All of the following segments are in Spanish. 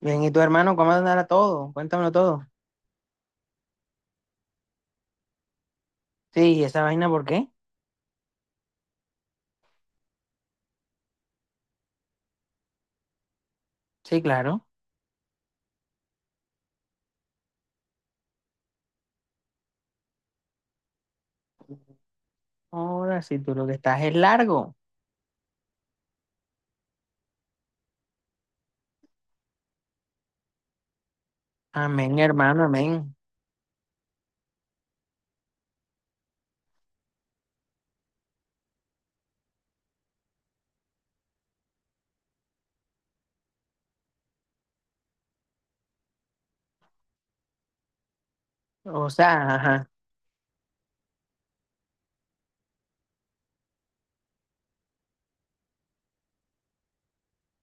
Bien, ¿y tu hermano cómo andará todo? Cuéntamelo todo. Sí, ¿y esa vaina por qué? Sí, claro. Ahora, si tú lo que estás es largo. Amén, hermano, amén. O sea, ajá.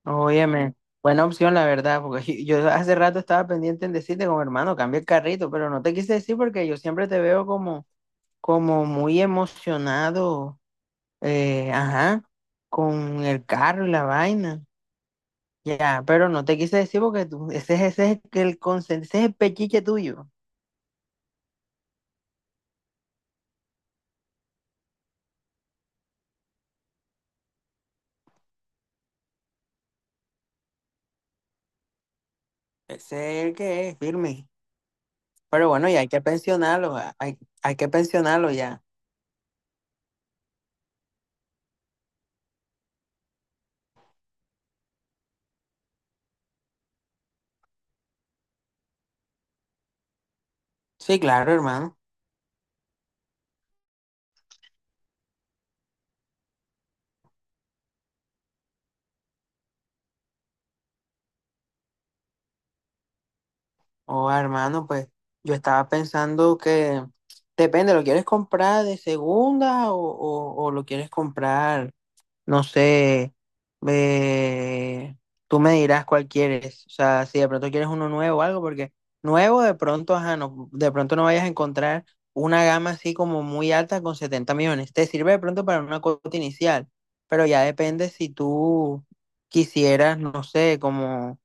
Óyeme, buena opción, la verdad, porque yo hace rato estaba pendiente en decirte como hermano, cambia el carrito, pero no te quise decir porque yo siempre te veo como muy emocionado, ajá, con el carro y la vaina. Ya, pero no te quise decir porque tú, ese es el pechiche tuyo. Ese es el que es firme. Pero bueno, ya hay que pensionarlo, hay que pensionarlo ya. Sí, claro, hermano. O hermano, pues yo estaba pensando que depende, ¿lo quieres comprar de segunda o lo quieres comprar. No sé, eh, tú me dirás cuál quieres. O sea, si de pronto quieres uno nuevo o algo, porque nuevo de pronto, ajá, no, de pronto no vayas a encontrar una gama así como muy alta con 70 millones. Te sirve de pronto para una cuota inicial, pero ya depende si tú quisieras, no sé, como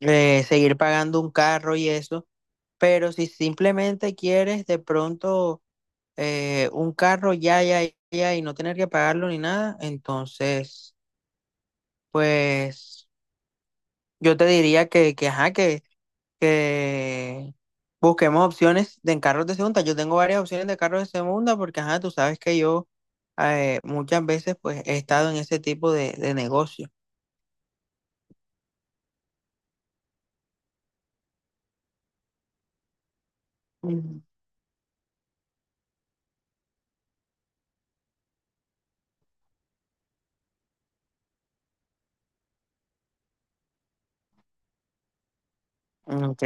seguir pagando un carro y eso. Pero si simplemente quieres de pronto un carro ya, ya, ya y no tener que pagarlo ni nada, entonces. Pues yo te diría que ajá, que busquemos opciones de en carros de segunda. Yo tengo varias opciones de carros de segunda porque, ajá, tú sabes que yo muchas veces pues he estado en ese tipo de negocio. Ujú. Ok.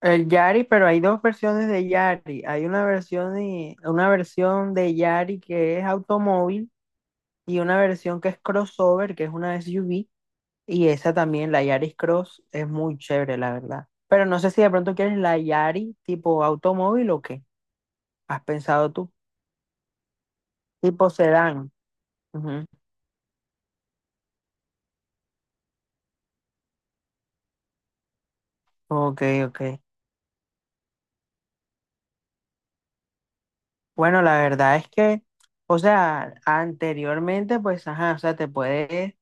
El Yari, pero hay dos versiones de Yari. Hay una versión de Yari que es automóvil y una versión que es crossover, que es una SUV. Y esa también, la Yaris Cross, es muy chévere, la verdad. Pero no sé si de pronto quieres la Yaris tipo automóvil o qué. ¿Has pensado tú? Tipo sedán. Ujú. Ok, ok. Bueno, la verdad es que, o sea, anteriormente, pues, ajá, o sea,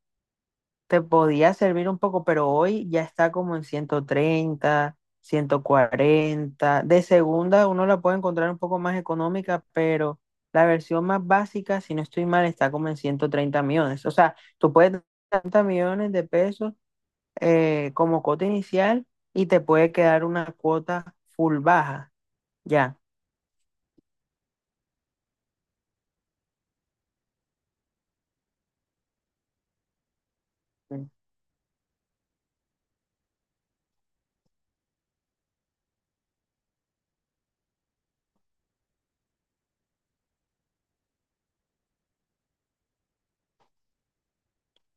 te podía servir un poco, pero hoy ya está como en 130, 140. De segunda uno la puede encontrar un poco más económica, pero la versión más básica, si no estoy mal, está como en 130 millones. O sea, tú puedes tener 30 millones de pesos como cuota inicial y te puede quedar una cuota full baja, ya.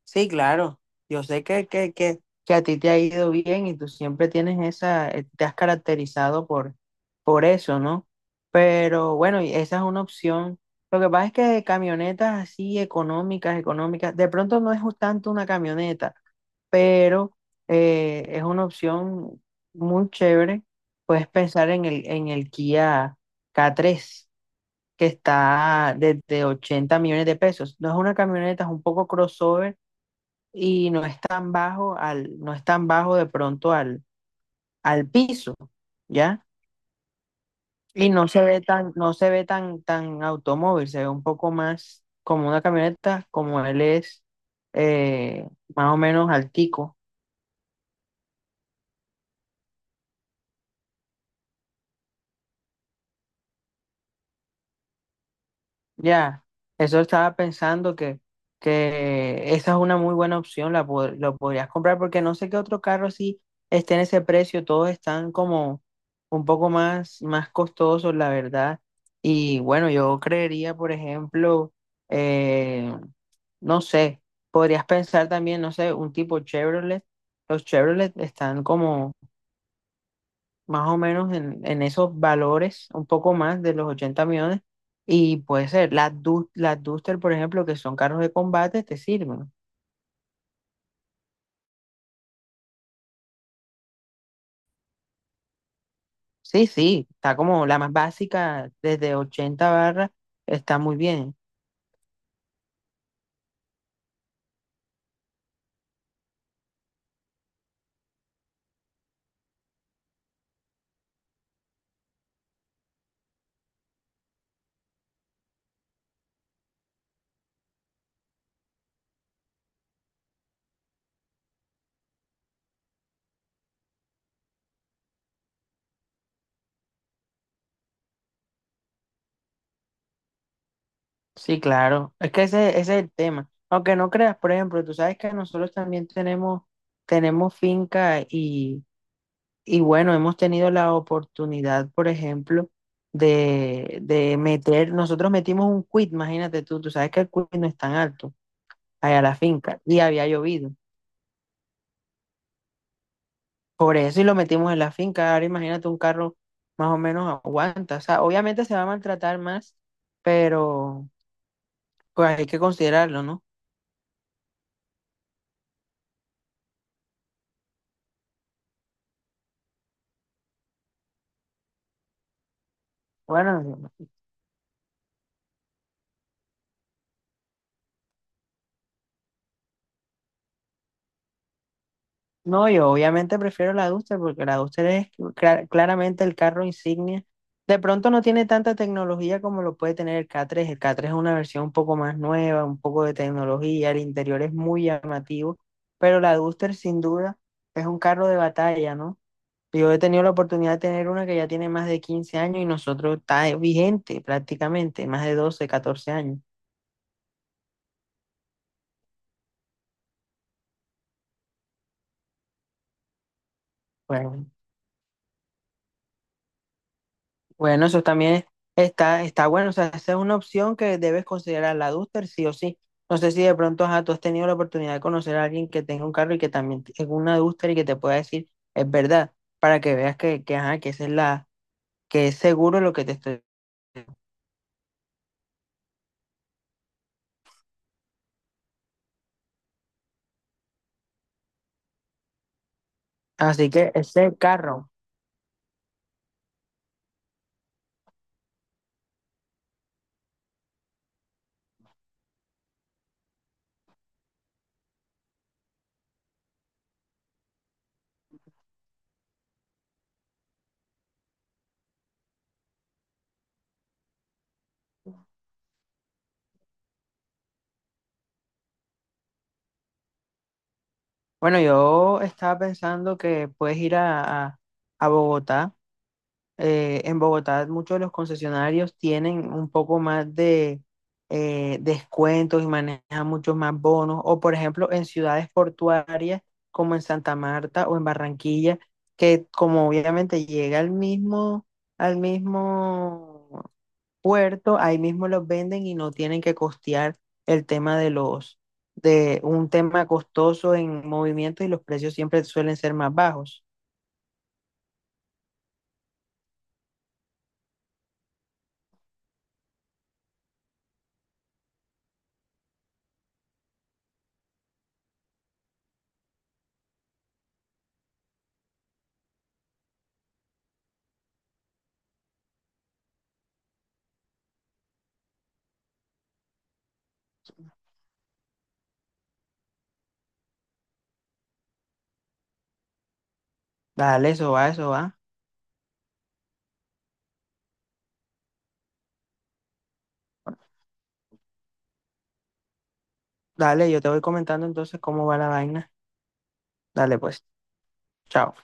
Sí, claro. Yo sé que a ti te ha ido bien y tú siempre tienes te has caracterizado por eso, ¿no? Pero bueno, y esa es una opción. Lo que pasa es que camionetas así económicas, económicas, de pronto no es tanto una camioneta, pero es una opción muy chévere. Puedes pensar en el Kia K3 que está desde 80 millones de pesos. No es una camioneta, es un poco crossover y no es tan bajo al, no es tan bajo de pronto al piso, ¿ya? Y no se ve tan, no se ve tan, tan automóvil, se ve un poco más como una camioneta, como él es eh, más o menos altico. Ya, eso estaba pensando que esa es una muy buena opción, lo podrías comprar porque no sé qué otro carro así esté en ese precio, todos están como un poco más costosos, la verdad. Y bueno, yo creería, por ejemplo, eh, no sé, podrías pensar también, no sé, un tipo Chevrolet. Los Chevrolet están como más o menos en esos valores, un poco más de los 80 millones. Y puede ser, las Duster, por ejemplo, que son carros de combate, te sirven. Sí, sí, está como la más básica, desde 80 barras, está muy bien. Sí, claro, es que ese es el tema. Aunque no creas, por ejemplo, tú sabes que nosotros también tenemos finca. Y bueno, hemos tenido la oportunidad, por ejemplo, nosotros metimos un quit, imagínate tú, sabes que el quit no es tan alto, allá a la finca, y había llovido. Por eso y lo metimos en la finca. Ahora imagínate un carro más o menos aguanta. O sea, obviamente se va a maltratar más, pero pues hay que considerarlo, ¿no? Bueno, no, yo obviamente prefiero la Duster porque la Duster es claramente el carro insignia. De pronto no tiene tanta tecnología como lo puede tener el K3. El K3 es una versión un poco más nueva, un poco de tecnología, el interior es muy llamativo, pero la Duster sin duda es un carro de batalla, ¿no? Yo he tenido la oportunidad de tener una que ya tiene más de 15 años y nosotros está vigente prácticamente, más de 12, 14 años. Bueno, Bueno, eso también está bueno. O sea, esa es una opción que debes considerar la Duster, sí o sí. No sé si de pronto ajá, tú has tenido la oportunidad de conocer a alguien que tenga un carro y que también tenga una Duster y que te pueda decir, es verdad, para que veas que, ajá, que es seguro lo que te estoy. Así que ese carro. Bueno, yo estaba pensando que puedes ir a Bogotá. En Bogotá muchos de los concesionarios tienen un poco más de descuentos y manejan muchos más bonos. O por ejemplo, en ciudades portuarias como en Santa Marta o en Barranquilla, que como obviamente llega al mismo, puerto, ahí mismo los venden y no tienen que costear el tema de un tema costoso en movimiento y los precios siempre suelen ser más bajos. Dale, eso va, eso va. Dale, yo te voy comentando entonces cómo va la vaina. Dale, pues, chao.